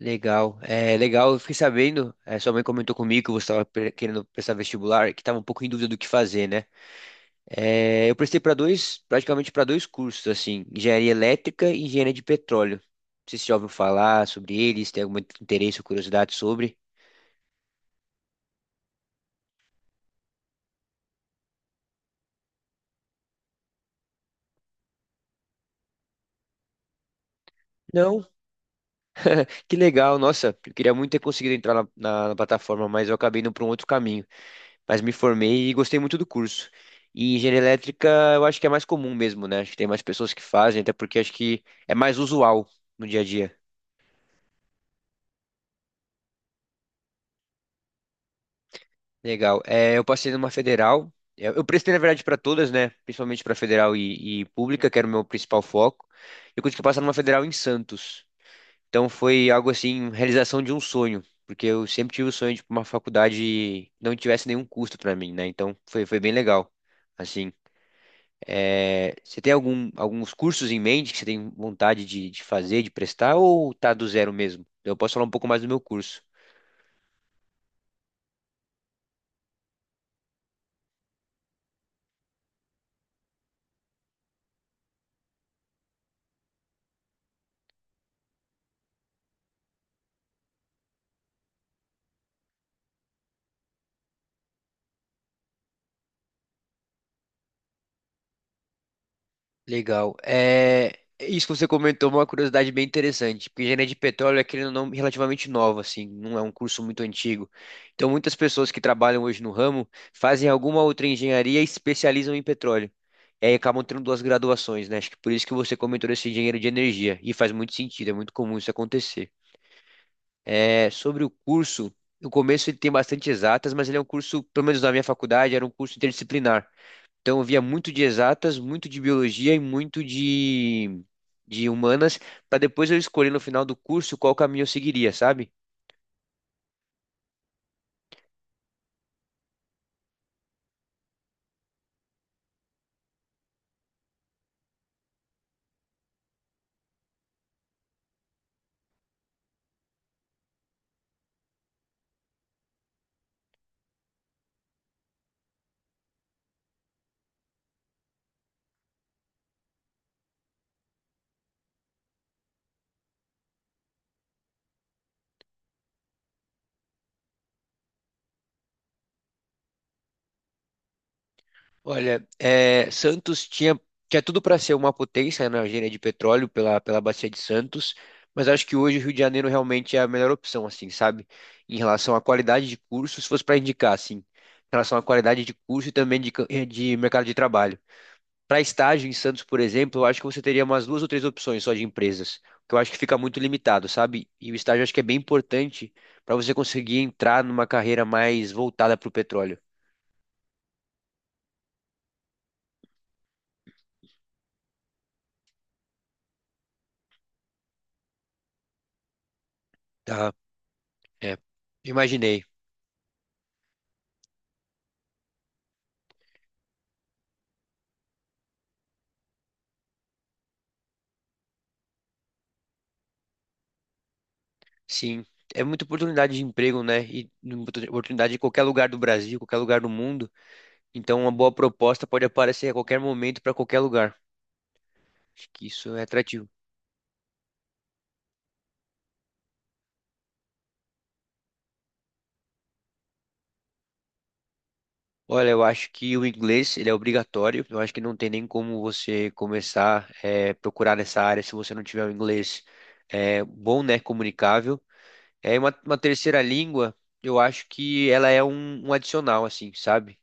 Legal, é legal. Eu fiquei sabendo, sua mãe comentou comigo que você estava querendo prestar vestibular, que estava um pouco em dúvida do que fazer, né? É, eu prestei para dois, praticamente para dois cursos, assim, engenharia elétrica e engenharia de petróleo. Não sei se você já ouviu falar sobre eles, tem algum interesse ou curiosidade sobre? Não, que legal. Nossa, eu queria muito ter conseguido entrar na plataforma, mas eu acabei indo para um outro caminho. Mas me formei e gostei muito do curso. E engenharia elétrica eu acho que é mais comum mesmo, né? Acho que tem mais pessoas que fazem, até porque acho que é mais usual no dia a dia. Legal. É, eu passei numa federal. Eu prestei, na verdade, para todas, né? Principalmente para federal e pública, que era o meu principal foco. Eu consegui passar numa federal em Santos. Então foi algo assim, realização de um sonho. Porque eu sempre tive o sonho de ir pra uma faculdade que não tivesse nenhum custo para mim, né? Então foi bem legal. Assim, é, você tem algum, alguns cursos em mente que você tem vontade de fazer, de prestar, ou tá do zero mesmo? Eu posso falar um pouco mais do meu curso. Legal. É, isso que você comentou é uma curiosidade bem interessante, porque engenharia de petróleo é, querendo ou não, relativamente nova, assim, não é um curso muito antigo. Então, muitas pessoas que trabalham hoje no ramo fazem alguma outra engenharia e especializam em petróleo. E aí acabam tendo duas graduações, né? Acho que por isso que você comentou esse engenheiro de energia. E faz muito sentido, é muito comum isso acontecer. É, sobre o curso, no começo ele tem bastante exatas, mas ele é um curso, pelo menos na minha faculdade, era um curso interdisciplinar. Então eu via muito de exatas, muito de biologia e muito de humanas, para depois eu escolher no final do curso qual caminho eu seguiria, sabe? Olha, é, Santos tinha, tinha tudo para ser uma potência na engenharia de petróleo pela Bacia de Santos, mas acho que hoje o Rio de Janeiro realmente é a melhor opção, assim, sabe? Em relação à qualidade de curso, se fosse para indicar, assim, em relação à qualidade de curso e também de mercado de trabalho. Para estágio em Santos, por exemplo, eu acho que você teria umas duas ou três opções só de empresas, que eu acho que fica muito limitado, sabe? E o estágio eu acho que é bem importante para você conseguir entrar numa carreira mais voltada para o petróleo, tá? É, imaginei. Sim, é muita oportunidade de emprego, né? E muita oportunidade em qualquer lugar do Brasil, qualquer lugar do mundo. Então, uma boa proposta pode aparecer a qualquer momento para qualquer lugar. Acho que isso é atrativo. Olha, eu acho que o inglês ele é obrigatório. Eu acho que não tem nem como você começar a procurar nessa área se você não tiver o inglês bom, né? Comunicável. É uma terceira língua. Eu acho que ela é um, um adicional, assim, sabe?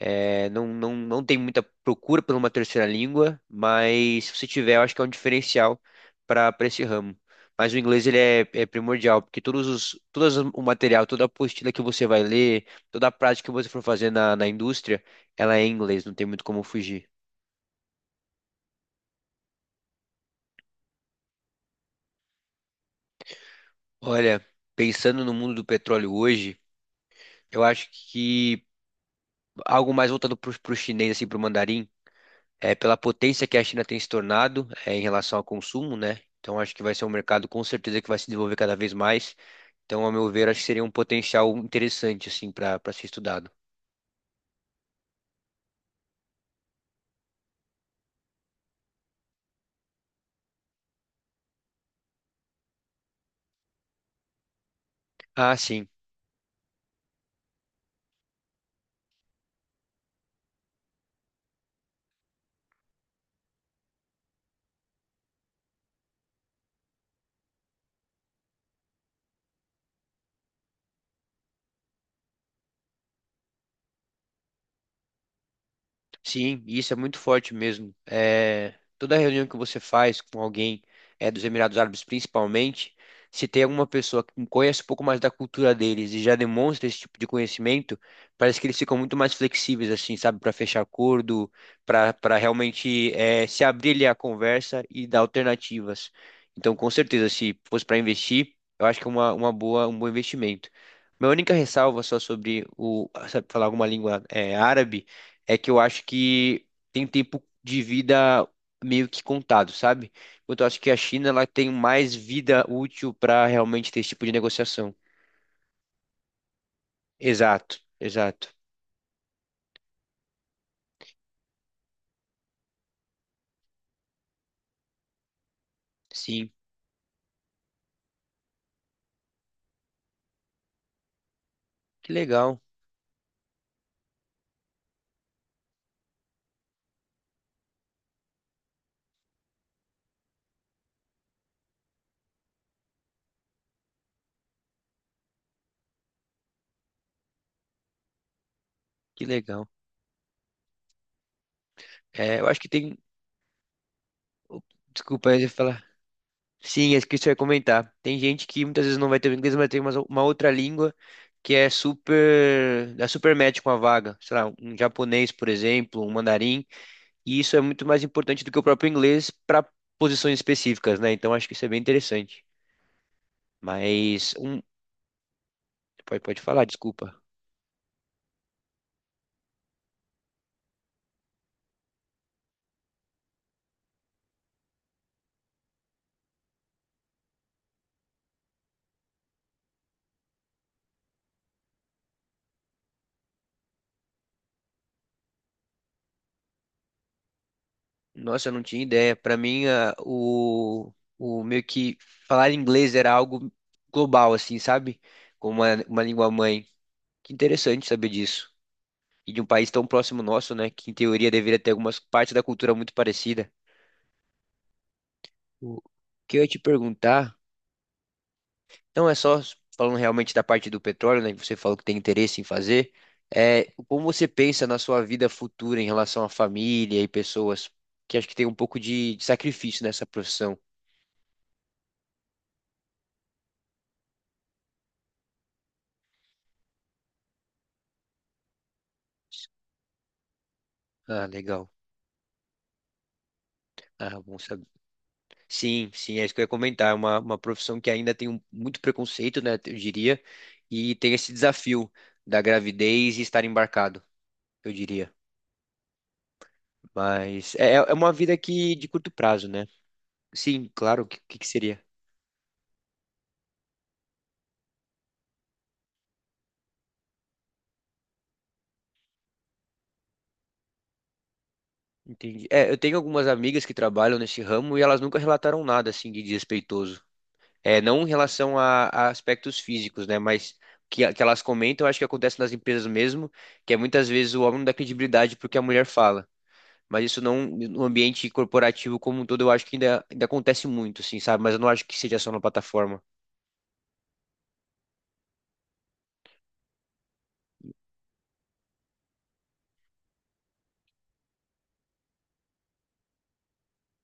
É, não, não, não tem muita procura por uma terceira língua, mas se você tiver, eu acho que é um diferencial para esse ramo. Mas o inglês ele é, é primordial, porque todos os, todas as- o material, toda a apostila que você vai ler, toda a prática que você for fazer na indústria, ela é em inglês, não tem muito como fugir. Olha, pensando no mundo do petróleo hoje, eu acho que algo mais voltado para o chinês, assim, para o mandarim. É, pela potência que a China tem se tornado em relação ao consumo, né? Então acho que vai ser um mercado com certeza que vai se desenvolver cada vez mais. Então, ao meu ver, acho que seria um potencial interessante assim para ser estudado. Ah, sim. Sim, e isso é muito forte mesmo. É, toda reunião que você faz com alguém dos Emirados Árabes, principalmente, se tem alguma pessoa que conhece um pouco mais da cultura deles e já demonstra esse tipo de conhecimento, parece que eles ficam muito mais flexíveis, assim, sabe, para fechar acordo, para realmente, é, se abrir ali à conversa e dar alternativas. Então, com certeza, se fosse para investir, eu acho que é uma boa, um bom investimento. Minha única ressalva só sobre o, sabe, falar alguma língua, é, árabe, é que eu acho que tem um tempo de vida meio que contado, sabe? Enquanto eu acho que a China ela tem mais vida útil para realmente ter esse tipo de negociação. Exato, exato. Sim, que legal, que legal. É, eu acho que tem. Desculpa, eu ia falar. Sim, é isso que eu ia comentar. Tem gente que muitas vezes não vai ter o inglês, mas tem uma outra língua que é super. Dá super match com a vaga. Sei lá, um japonês, por exemplo, um mandarim. E isso é muito mais importante do que o próprio inglês para posições específicas, né? Então acho que isso é bem interessante. Mas um, pode falar, desculpa. Nossa, eu não tinha ideia. Para mim, o meio que falar inglês era algo global, assim, sabe? Como uma língua mãe. Que interessante saber disso. E de um país tão próximo nosso, né? Que em teoria deveria ter algumas partes da cultura muito parecida. O que eu ia te perguntar. Então, é só falando realmente da parte do petróleo, né, que você falou que tem interesse em fazer, é, como você pensa na sua vida futura em relação à família e pessoas que acho que tem um pouco de sacrifício nessa profissão? Ah, legal. Ah, bom saber. Sim, sim, é isso que eu ia comentar. É uma profissão que ainda tem muito preconceito, né, eu diria, e tem esse desafio da gravidez e estar embarcado, eu diria. Mas é, é uma vida que de curto prazo, né? Sim, claro, o que, que seria? Entendi. É, eu tenho algumas amigas que trabalham nesse ramo e elas nunca relataram nada assim de desrespeitoso. É, não em relação a aspectos físicos, né? Mas que elas comentam, eu acho que acontece nas empresas mesmo, que é muitas vezes o homem não dá credibilidade porque a mulher fala. Mas isso não, no ambiente corporativo como um todo, eu acho que ainda acontece muito, assim, sabe? Mas eu não acho que seja só na plataforma.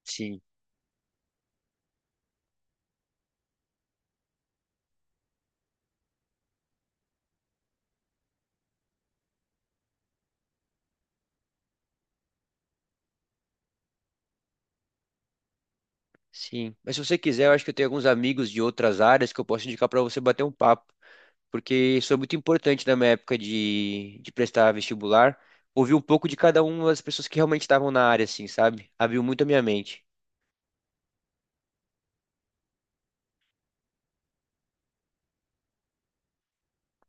Sim, sim. Mas se você quiser, eu acho que eu tenho alguns amigos de outras áreas que eu posso indicar para você bater um papo. Porque isso é muito importante na minha época de prestar vestibular, ouvir um pouco de cada uma das pessoas que realmente estavam na área, assim, sabe? Abriu muito a minha mente.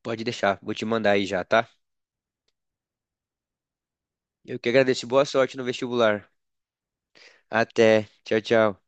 Pode deixar, vou te mandar aí já, tá? Eu que agradeço, boa sorte no vestibular. Até, tchau, tchau.